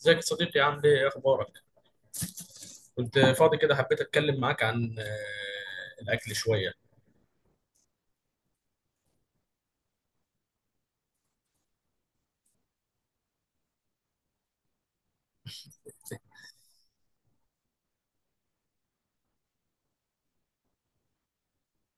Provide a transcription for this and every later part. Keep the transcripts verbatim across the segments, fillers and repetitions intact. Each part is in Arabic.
ازيك يا صديقي؟ عامل ايه؟ إيه اخبارك؟ كنت فاضي كده، حبيت اتكلم معاك عن آه، الاكل شويه.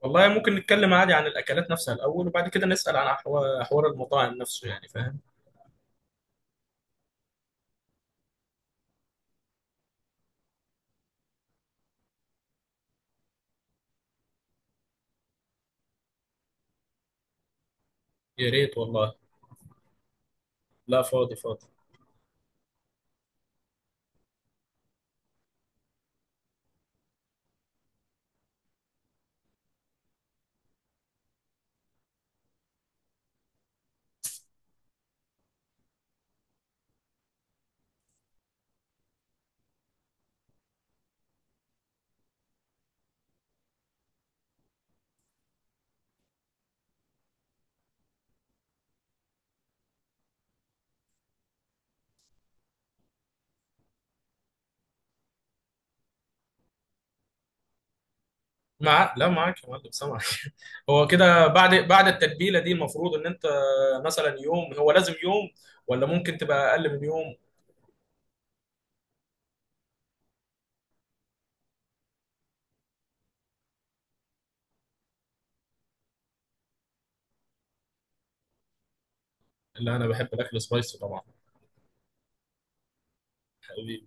والله ممكن نتكلم عادي عن الاكلات نفسها الاول، وبعد كده نسال عن أحوا- حوار المطاعم نفسه، يعني فاهم. يا ريت والله. لا فاضي فاضي. مع لا معاك يا معلم، سامعك. هو كده بعد بعد التتبيله دي المفروض ان انت مثلا يوم، هو لازم يوم ولا ممكن تبقى اقل من يوم؟ لا انا بحب الاكل سبايسي طبعا. حبيبي.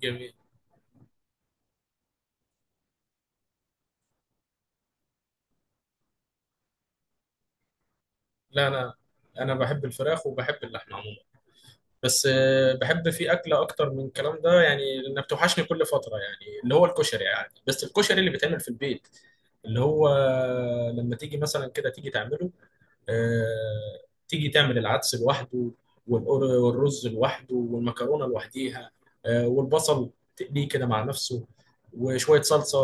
جميل. لا انا انا بحب الفراخ وبحب اللحمه عموما. بس آه، بحب فيه أكلة أكتر من الكلام ده، يعني لأنها بتوحشني كل فترة، يعني اللي هو الكشري يعني، بس الكشري اللي بيتعمل في البيت، اللي هو لما تيجي مثلا كده تيجي تعمله، آه، تيجي تعمل العدس لوحده، والقر- والرز لوحده والمكرونة لوحديها، آه، والبصل تقليه كده مع نفسه، وشوية صلصة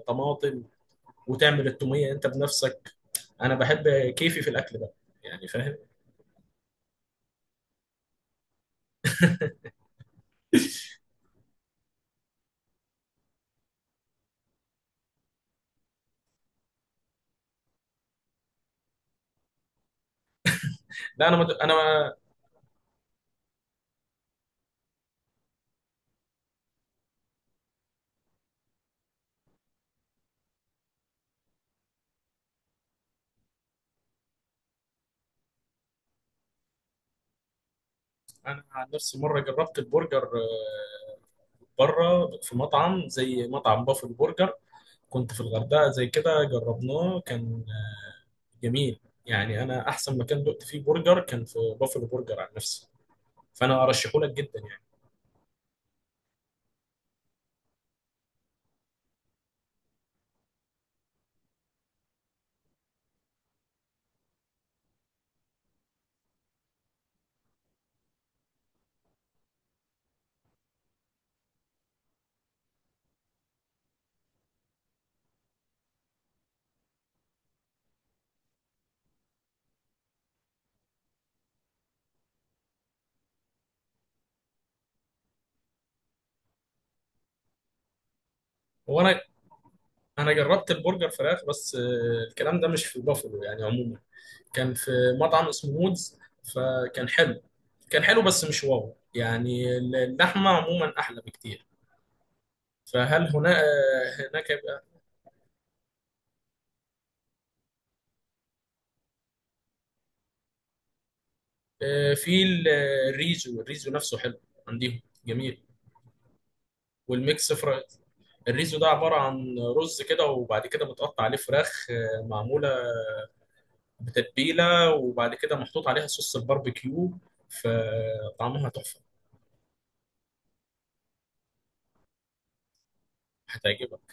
طماطم، وتعمل التومية أنت بنفسك. أنا بحب كيفي في الأكل ده، يعني فاهم. لا أنا مد... أنا انا عن نفسي مره جربت البرجر بره في مطعم، زي مطعم بافل برجر. كنت في الغردقه زي كده جربناه، كان آه، جميل، يعني انا احسن مكان دقت فيه برجر كان في بافل برجر عن نفسي، فانا ارشحه لك جدا يعني. هو انا انا جربت البرجر فراخ، بس آه، الكلام ده مش في بافلو يعني، عموما كان في مطعم اسمه مودز، فكان حلو، كان حلو بس مش واو يعني، اللحمه عموما احلى بكتير. فهل هنا آه، هناك آه، في ال- الريزو الريزو نفسه حلو عندهم، جميل. والميكس فر... الريزو ده عبارة عن رز كده، وبعد كده متقطع عليه فراخ آه، معمولة بتتبيلة، وبعد كده محطوط عليها صوص الباربيكيو، فطعمها تحفة. هتعجبك.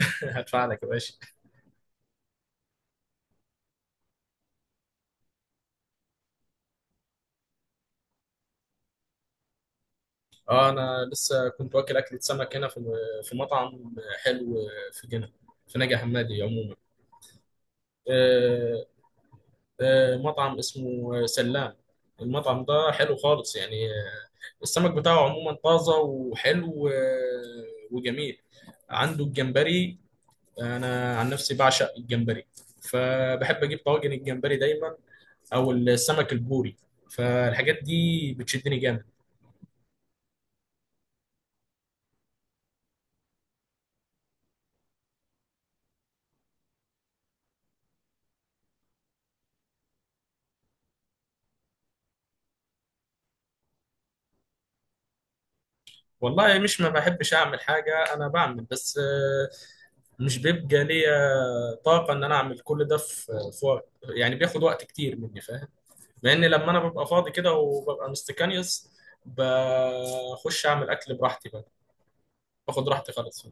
هتفعلك يا باشا. اه انا لسه كنت واكل اكلة سمك هنا في في مطعم حلو في جنة، في نجع حمادي عموما. آه، آه، مطعم اسمه سلام. المطعم ده حلو خالص يعني، آه، السمك بتاعه عموما طازة وحلو و- وجميل. عنده الجمبري، أنا عن نفسي بعشق الجمبري، فبحب أجيب طواجن الجمبري دايما، أو السمك البوري، فالحاجات دي بتشدني جامد. والله مش ما بحبش أعمل حاجة، أنا بعمل بس آه، مش بيبقى ليا طاقة إن أنا أعمل كل ده في في وقت، يعني بياخد وقت كتير مني فاهم. لأن لما أنا ببقى فاضي كده وببقى مستكانيوس، بخش أعمل أكل براحتي بقى، باخد راحتي خالص.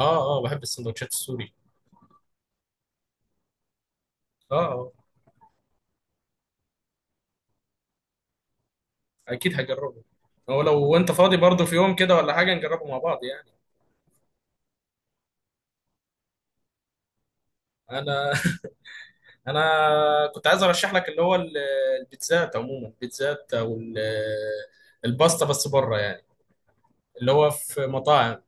اه اه، بحب السندوتشات السوري. اه اه. اكيد هجربه. هو لو انت فاضي برضه في يوم كده ولا حاجه، نجربه مع بعض يعني. انا انا كنت عايز ارشح لك اللي هو ال- البيتزات عموما، البيتزات او ال- الباستا، بس بره يعني، اللي هو في مطاعم.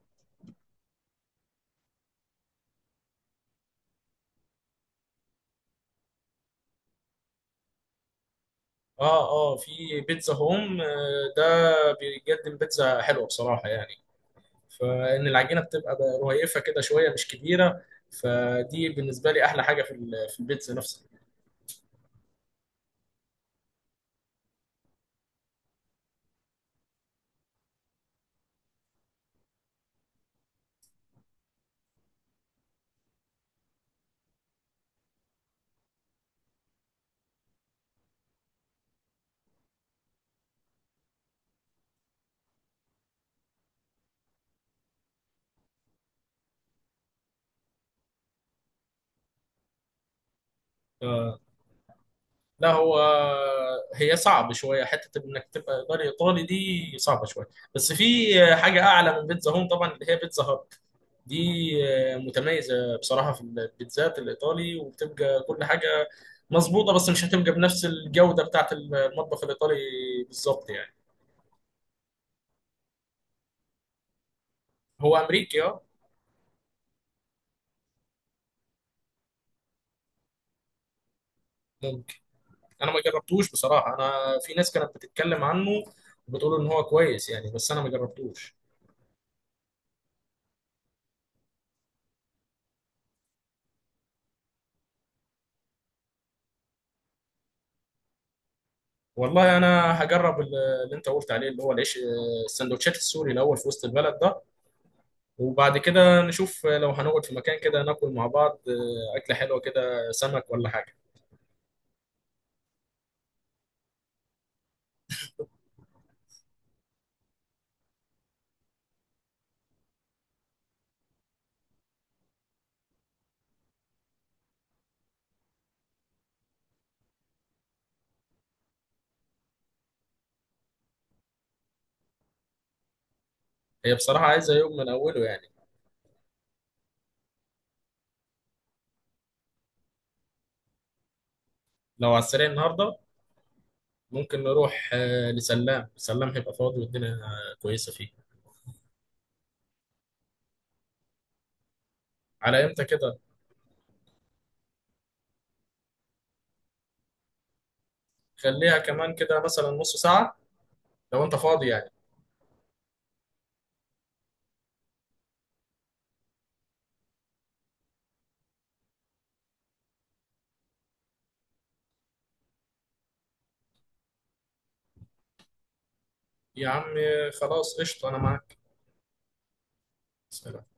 اه اه، في بيتزا هوم آه، ده بيقدم بيتزا حلوه بصراحه يعني، فان العجينه بتبقى ب- رهيفه كده شويه مش كبيره، فدي بالنسبه لي احلى حاجه في ال- في البيتزا نفسها. آه، لا هو هي صعب شويه حته انك تبقى ايطالي ايطالي، دي صعبه شويه، بس في حاجه اعلى من بيتزا هوم طبعا، اللي هي بيتزا هات، دي متميزه بصراحه في البيتزات الايطالي، وبتبقى كل حاجه مظبوطه، بس مش هتبقى بنفس الجوده بتاعت المطبخ الايطالي بالظبط يعني. هو امريكي اه. ممكن. انا ما جربتوش بصراحه، انا في ناس كانت بتتكلم عنه وبتقول ان هو كويس يعني، بس انا ما جربتوش. والله انا هجرب ال- اللي انت قلت عليه، اللي هو العيش السندوتشات السوري الاول في وسط البلد ده، وبعد كده نشوف لو هنقعد في مكان كده ناكل مع بعض آه، اكله حلوه كده، سمك ولا حاجه. هي بصراحه عايزه يوم من اوله يعني. لو على السريع النهارده، ممكن نروح آه، لسلام، سلام هيبقى فاضي، والدنيا آه، كويسه فيه. على امتى كده؟ خليها كمان كده مثلا نص ساعه، لو انت فاضي يعني. يا عم خلاص قشطه انا معاك. سلام.